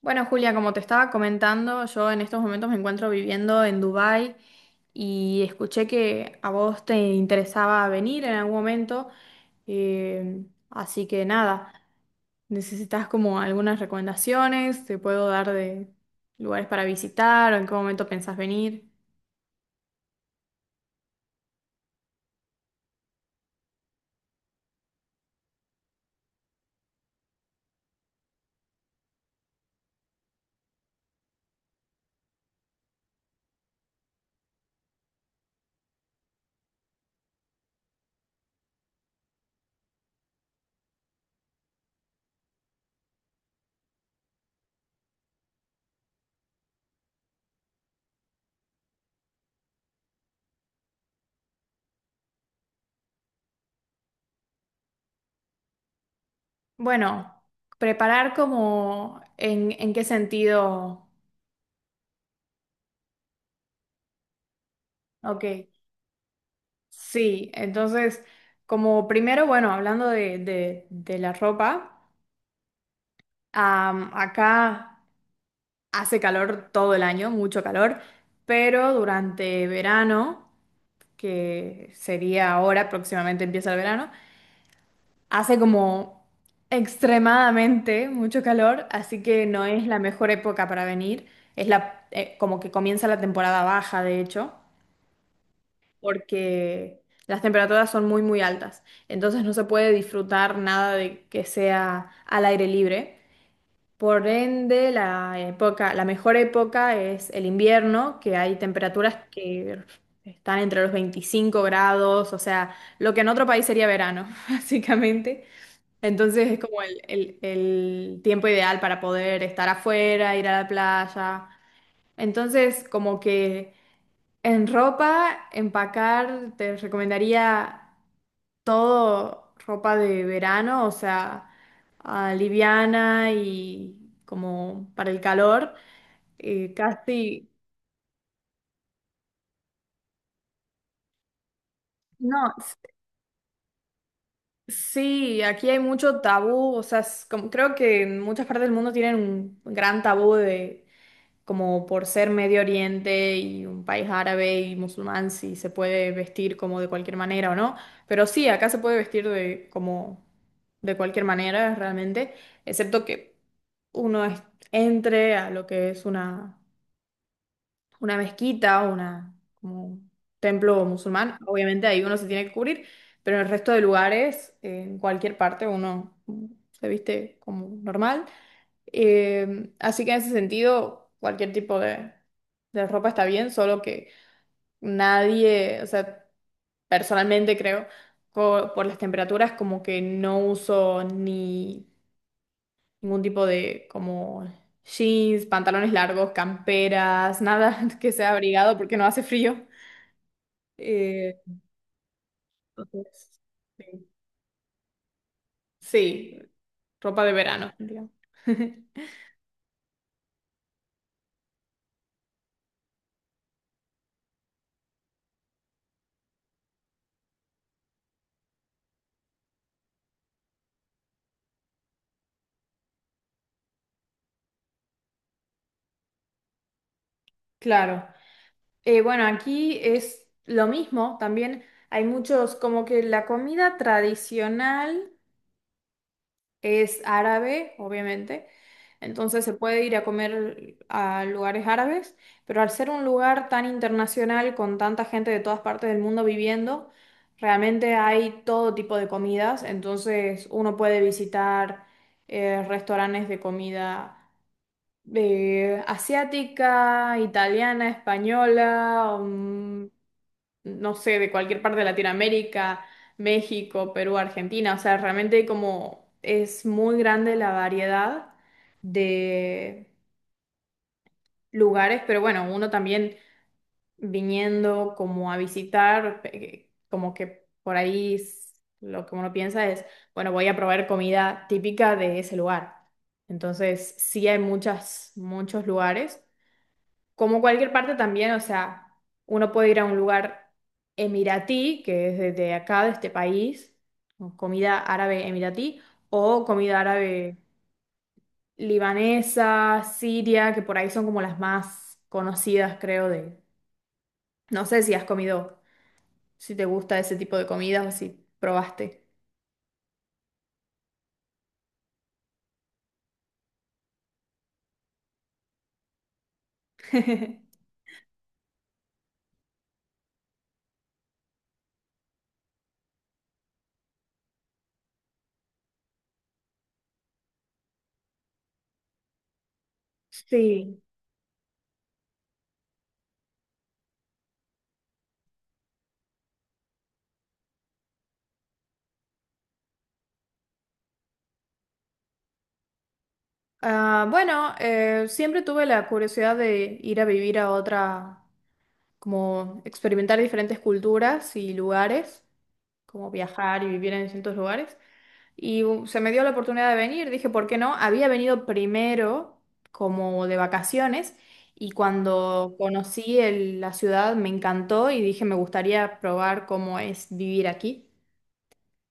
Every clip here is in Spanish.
Bueno, Julia, como te estaba comentando, yo en estos momentos me encuentro viviendo en Dubái y escuché que a vos te interesaba venir en algún momento, así que nada, ¿necesitas como algunas recomendaciones? ¿Te puedo dar de lugares para visitar o en qué momento pensás venir? Bueno, preparar como en qué sentido. Ok, sí, entonces como primero, bueno, hablando de la ropa. Acá hace calor todo el año, mucho calor, pero durante verano, que sería ahora, próximamente empieza el verano, hace como extremadamente mucho calor, así que no es la mejor época para venir. Es la, como que comienza la temporada baja, de hecho, porque las temperaturas son muy, muy altas. Entonces no se puede disfrutar nada de que sea al aire libre. Por ende, la época, la mejor época es el invierno, que hay temperaturas que están entre los 25 grados, o sea, lo que en otro país sería verano, básicamente. Entonces es como el, el tiempo ideal para poder estar afuera, ir a la playa. Entonces, como que en ropa, empacar, te recomendaría todo ropa de verano, o sea, ah, liviana y como para el calor. Casi, no, sí, aquí hay mucho tabú, o sea, es como- creo que en muchas partes del mundo tienen un gran tabú de como por ser Medio Oriente y un país árabe y musulmán, si se puede vestir como de cualquier manera o no. Pero sí, acá se puede vestir de como de cualquier manera, realmente, excepto que uno es- entre a lo que es una mezquita, una, como un templo musulmán. Obviamente ahí uno se tiene que cubrir, pero en el resto de lugares, en cualquier parte, uno se viste como normal. Así que en ese sentido, cualquier tipo de ropa está bien, solo que nadie, o sea, personalmente creo, co- por las temperaturas, como que no uso ni ningún tipo de como jeans, pantalones largos, camperas, nada que sea abrigado porque no hace frío. Eh, entonces, sí, sí, ropa de verano, digamos. Claro. Bueno, aquí es lo mismo, también hay muchos, como que la comida tradicional es árabe, obviamente. Entonces se puede ir a comer a lugares árabes, pero al ser un lugar tan internacional con tanta gente de todas partes del mundo viviendo, realmente hay todo tipo de comidas. Entonces uno puede visitar restaurantes de comida asiática, italiana, española, no sé, de cualquier parte de Latinoamérica, México, Perú, Argentina. O sea, realmente como es muy grande la variedad de lugares, pero bueno, uno también viniendo como a visitar, como que por ahí s- lo que uno piensa es, bueno, voy a probar comida típica de ese lugar. Entonces, sí hay muchas, muchos lugares. Como cualquier parte también, o sea, uno puede ir a un lugar emiratí, que es desde acá, de este país, o comida árabe emiratí, o comida árabe libanesa, siria, que por ahí son como las más conocidas, creo, de... No sé si has comido, si te gusta ese tipo de comidas o si probaste. Sí. Ah, bueno, siempre tuve la curiosidad de ir a vivir a otra, como experimentar diferentes culturas y lugares, como viajar y vivir en distintos lugares. Y se me dio la oportunidad de venir, dije, ¿por qué no? Había venido primero como de vacaciones y cuando conocí el- la ciudad me encantó y dije, me gustaría probar cómo es vivir aquí.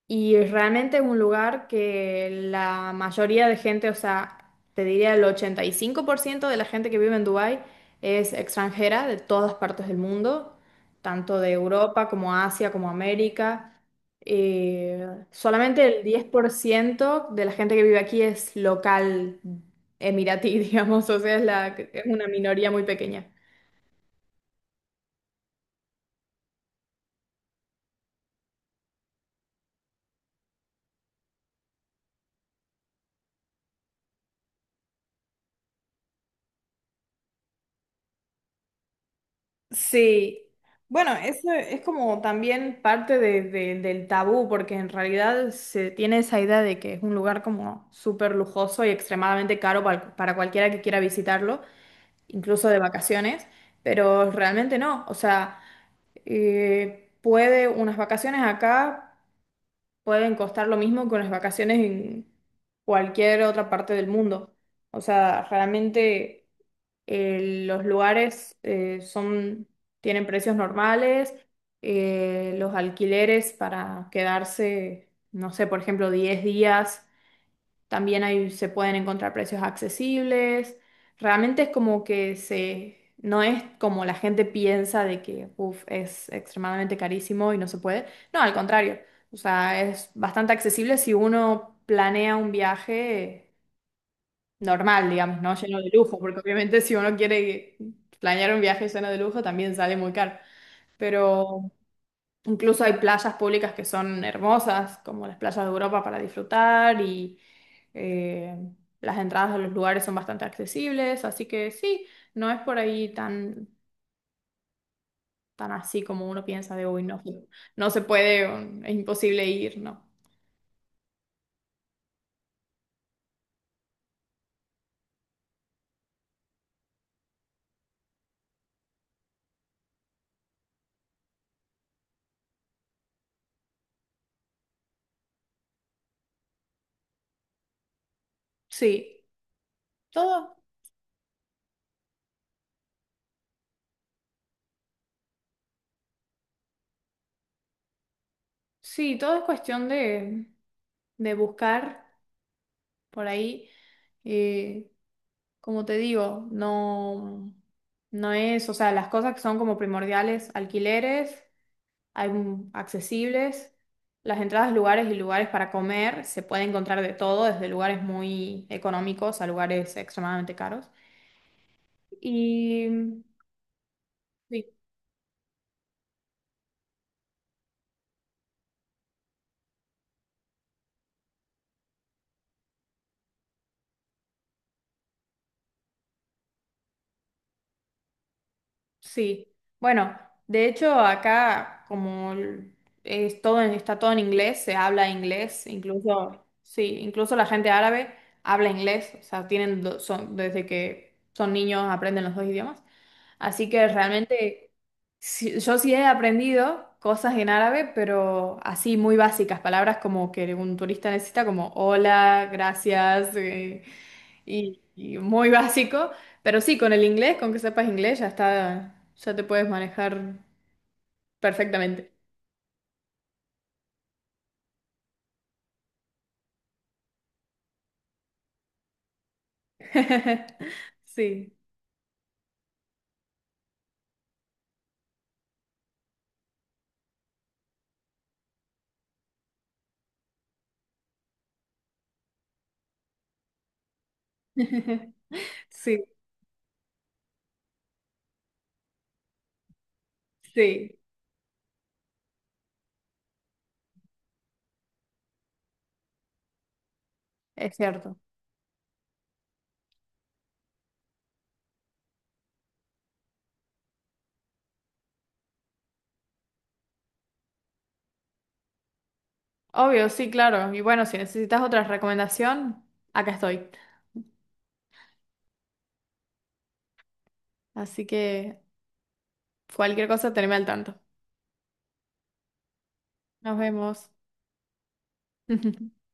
Y realmente es un lugar que la mayoría de gente, o sea, te diría el 85% de la gente que vive en Dubái es extranjera de todas partes del mundo, tanto de Europa como Asia como América. Solamente el 10% de la gente que vive aquí es local emiratí, digamos, o sea, es, la, es una minoría muy pequeña. Sí, bueno, eso es como también parte de- del tabú, porque en realidad se tiene esa idea de que es un lugar como súper lujoso y extremadamente caro para cualquiera que quiera visitarlo, incluso de vacaciones, pero realmente no, o sea, puede, unas vacaciones acá pueden costar lo mismo que unas vacaciones en cualquier otra parte del mundo, o sea, realmente... los lugares son, tienen precios normales, los alquileres para quedarse, no sé, por ejemplo, 10 días, también ahí se pueden encontrar precios accesibles. Realmente es como que se, no es como la gente piensa de que uf, es extremadamente carísimo y no se puede. No, al contrario, o sea, es bastante accesible si uno planea un viaje normal, digamos, no lleno de lujo, porque obviamente si uno quiere planear un viaje lleno de lujo también sale muy caro. Pero incluso hay playas públicas que son hermosas, como las playas de Europa para disfrutar y eh, las entradas a los lugares son bastante accesibles, así que sí, no es por ahí tan, tan así como uno piensa de uy no, no se puede, o es imposible ir, no. Sí, todo, sí, todo es cuestión de buscar por ahí. Eh, Como te digo, no, no es, o sea, las cosas que son como primordiales, alquileres, hay un- accesibles, las entradas, lugares y lugares para comer, se puede encontrar de todo, desde lugares muy económicos a lugares extremadamente caros. Y, sí, sí, bueno, de hecho acá como el- es todo, en- está todo en inglés, se habla inglés, incluso, sí, incluso la gente árabe habla inglés, o sea, tienen, do- son, desde que son niños aprenden los dos idiomas. Así que realmente sí- yo sí he aprendido cosas en árabe, pero así muy básicas, palabras como que un turista necesita como hola, gracias, y muy básico, pero sí, con el inglés, con que sepas inglés, ya está, ya te puedes manejar perfectamente. Sí, sí, sí, es cierto. Obvio, sí, claro. Y bueno, si necesitas otra recomendación, acá estoy. Así que cualquier cosa, teneme al tanto. Nos vemos.